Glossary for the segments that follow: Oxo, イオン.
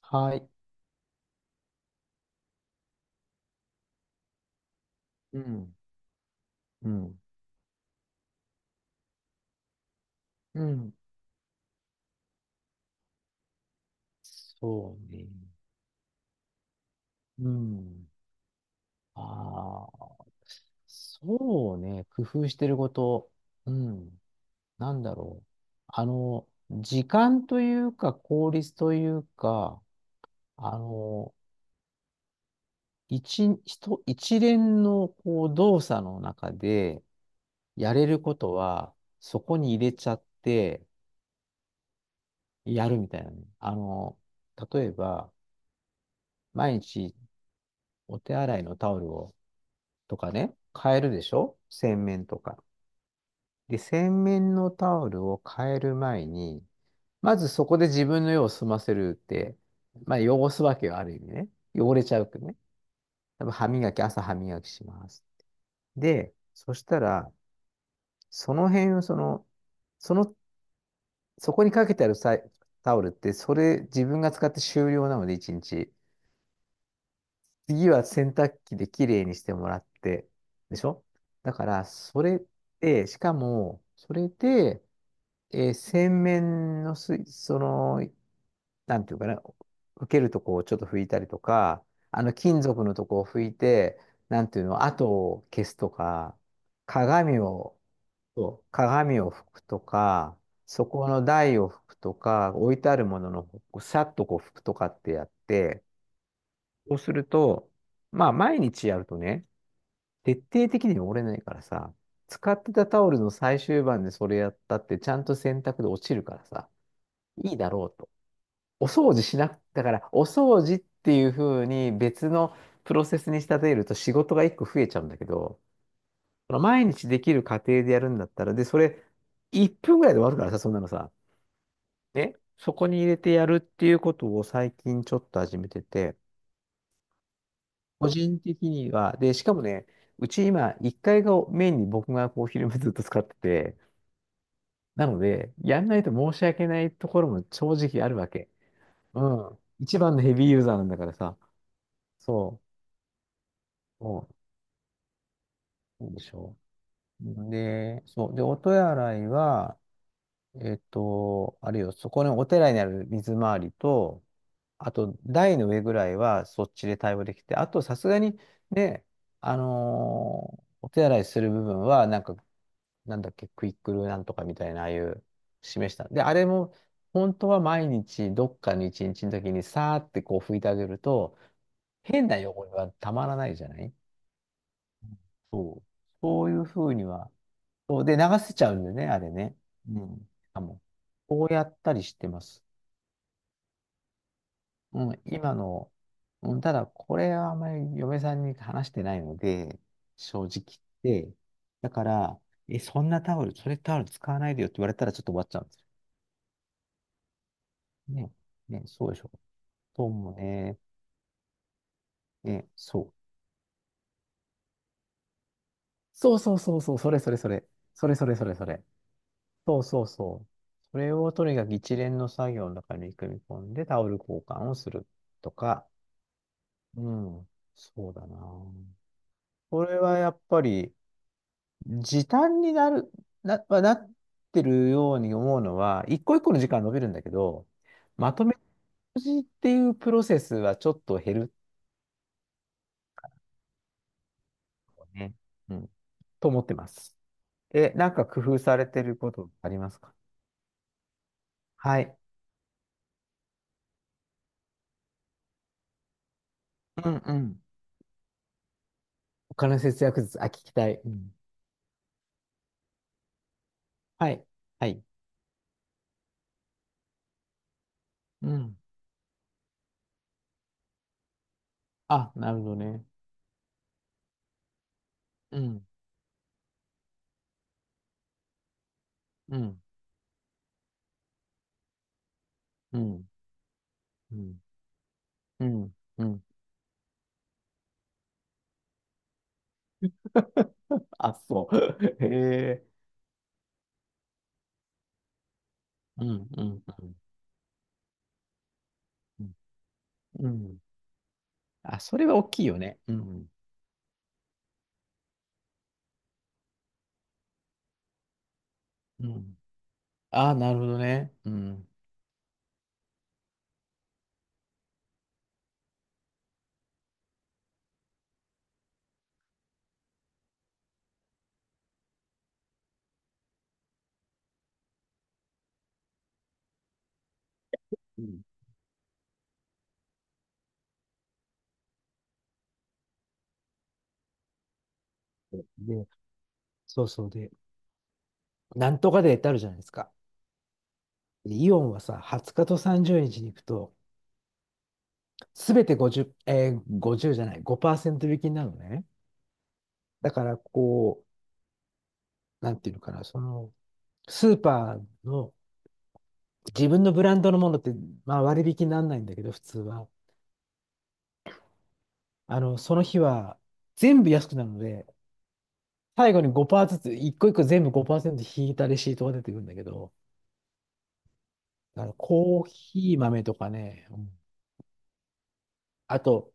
はい。うん。うん。うん。そうね。うん。ああ。そうね。工夫してること。うん。なんだろう。あの、時間というか、効率というか、あの、一連のこう動作の中でやれることは、そこに入れちゃってやるみたいなね。あの、例えば、毎日お手洗いのタオルをとかね、変えるでしょ洗面とか。で、洗面のタオルを変える前に、まずそこで自分の用を済ませるって、まあ汚すわけよ、ある意味ね。汚れちゃうけどね。多分歯磨き、朝歯磨きします。で、そしたら、その辺をその、そこにかけてあるさタオルって、それ自分が使って終了なので、一日。次は洗濯機できれいにしてもらって、でしょ。だから、それで、しかも、それで、洗面の水、その、なんていうかな、受けるとこをちょっと拭いたりとか、あの金属のとこを拭いて、なんていうの、跡を消すとか、鏡を、そう鏡を拭くとか、そこの台を拭くとか、置いてあるものの、こうさっとこう拭くとかってやって、そうすると、まあ毎日やるとね、徹底的に汚れないからさ、使ってたタオルの最終盤でそれやったって、ちゃんと洗濯で落ちるからさ、いいだろうと。お掃除しな、だから、お掃除っていう風に別のプロセスに仕立てると仕事が一個増えちゃうんだけど、その毎日できる過程でやるんだったら、で、それ、1分ぐらいで終わるからさ、そんなのさ。ね。そこに入れてやるっていうことを最近ちょっと始めてて、個人的には、で、しかもね、うち今、1階がメインに僕がこう、昼間 ずっと使ってて、なので、やんないと申し訳ないところも正直あるわけ。うん。一番のヘビーユーザーなんだからさ。そう、そうなんでしょう。で、そう。で、音や洗いは、あれよ、そこのお寺にある水回りと、あと、台の上ぐらいはそっちで対応できて、あと、さすがに、ね、あの、お手洗いする部分は、なんか、なんだっけ、クイックルなんとかみたいな、ああいう、示した。で、あれも、本当は毎日、どっかの一日の時に、さーってこう拭いてあげると、変な汚れはたまらないじゃない。そう。そういうふうには、そうで、流せちゃうんでね、あれね。うん。あ、もう、こうやったりしてます。うん、今の、うん、ただ、これはあんまり嫁さんに話してないので、正直言って。だから、え、そんなタオル、それタオル使わないでよって言われたらちょっと終わっちゃうんですよ。ね。ね、そうでしょ。そうもね。ね、そう。そうそうそうそう、それそれそれ。それそれそれそれ。そうそうそう。それをとにかく一連の作業の中に組み込んでタオル交換をするとか、うん、そうだな。これはやっぱり時短になる、な、まあなってるように思うのは、一個一個の時間伸びるんだけど、まとめ掃除っていうプロセスはちょっと減るとね。うん。と思ってます。え、なんか工夫されてることありますか？はい。うんうん。お金節約術、あ、聞きたい。うん。はい。はい。うん。あ、なるほどね。うん。うん。うん。うん。うん。うん。あ、そう。へえ。うん、うん、うん、うん。あ、それは大きいよね。うん、うん。あ、なるほどね。うん。うん。で、そうそうで、なんとかデーってあるじゃないですか。でイオンはさ、20日と30日にちに行くと、すべて50、50じゅうじゃない、5%引きになるのね。だから、こう、なんていうのかな、その、スーパーの自分のブランドのものって、まあ割引にならないんだけど、普通は。あの、その日は全部安くなるので、最後に5%ずつ、一個一個全部5%引いたレシートが出てくるんだけど、あのコーヒー豆とかね、うん。あと、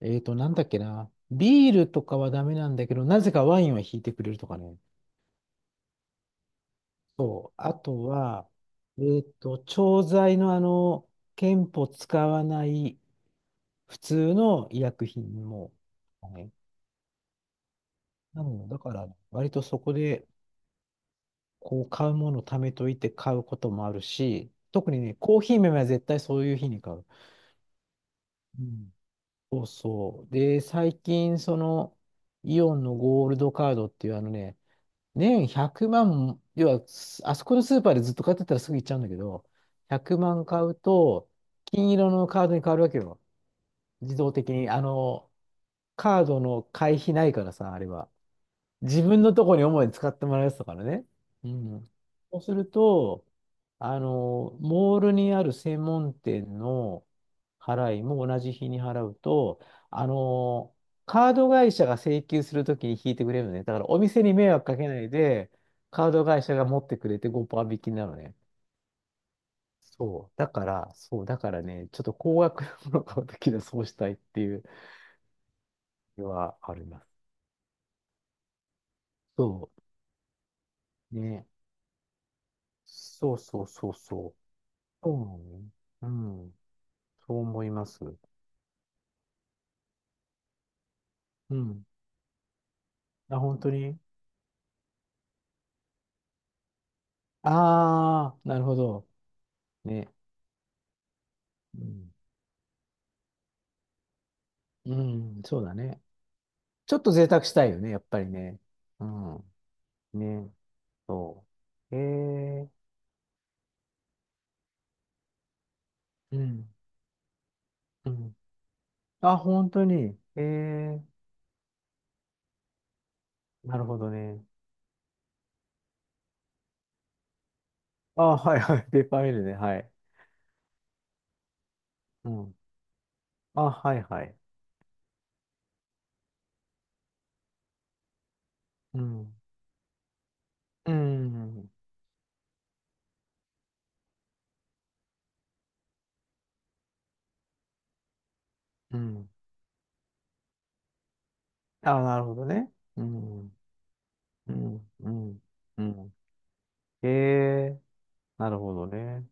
なんだっけな、ビールとかはダメなんだけど、なぜかワインは引いてくれるとかね。そう、あとは、調剤のあの、憲法使わない普通の医薬品も、はい。なので、だから、割とそこで、こう、買うものを貯めといて買うこともあるし、特にね、コーヒー豆は絶対そういう日に買う。うん。そうそう。で、最近、その、イオンのゴールドカードっていう、あのね、年100万、要は、すあそこのスーパーでずっと買ってたらすぐ行っちゃうんだけど、100万買うと、金色のカードに変わるわけよ。自動的に。あの、カードの会費ないからさ、あれは。自分のとこに主に使ってもらうやつだからね。うん。そうすると、あの、モールにある専門店の払いも同じ日に払うと、あの、カード会社が請求するときに引いてくれるのね。だからお店に迷惑かけないで、カード会社が持ってくれて5%引きなのね。そう。だから、そう。だからね、ちょっと高額なものを買うときはそうしたいっていうのはあります。そう。ね。そうそうそうそう。そうなのね。うん。そう思います。うん。あ、本当に。ああー、なるほど。ね。うん。うん、そうだね。ちょっと贅沢したいよね、やっぱりね。うん。ね。そう。ええうん。うん。あ、本当に。ええなるほどね。あ、はいはい。ペーパーミルね。はい。うん。あ、はいはい。うん。うん。うん。あ、なるほどね。うん。うん。うん。うん。ええなるほどね。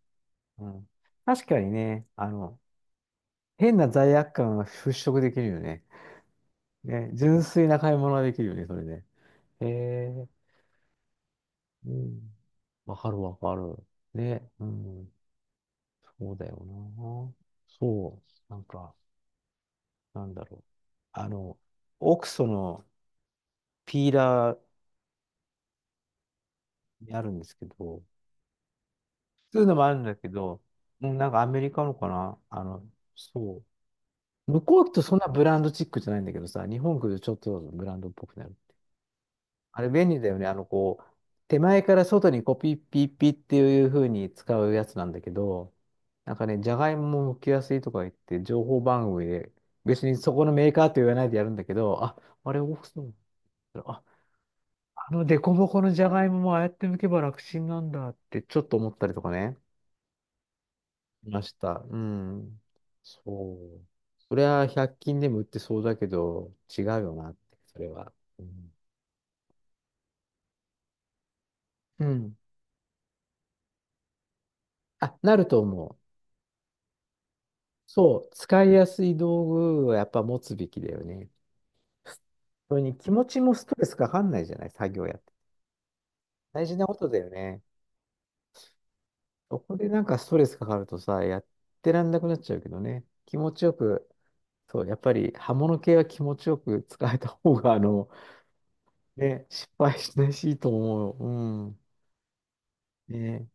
うん。確かにね、あの、変な罪悪感が払拭できるよね。ね、純粋な買い物ができるよね、それで。へえ、うん。わかるわかる。ね、うん。そうだよな。そう。なんか、なんだろう。あの、オクソのピーラーにあるんですけど、普通のもあるんだけど、うん、なんかアメリカのかな。あの、そう。向こうってそんなブランドチックじゃないんだけどさ、日本来るとちょっとブランドっぽくなる。あれ便利だよね。あの、こう、手前から外にこうピッピッピーっていう風に使うやつなんだけど、なんかね、じゃがいもも剥きやすいとか言って、情報番組で、別にそこのメーカーと言わないでやるんだけど、あ、あれ、オフそう。あ、あのデコボコのじゃがいももああやって剥けば楽ちんなんだってちょっと思ったりとかね。いました。うん。そう。それは100均でも売ってそうだけど、違うよなって、それは。うん。うん。あ、なると思う。そう。使いやすい道具はやっぱ持つべきだよね。それに気持ちもストレスかかんないじゃない、作業やって。大事なことだよね。そこでなんかストレスかかるとさ、やってらんなくなっちゃうけどね。気持ちよく、そう、やっぱり刃物系は気持ちよく使えた方が、あの、ね、失敗しないしいいと思う。うん。ね。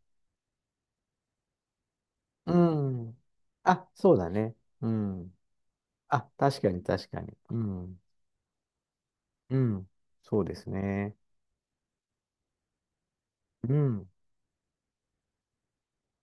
うん。あ、そうだね。うん。あ、確かに確かに。うん。うん。そうですね。うん。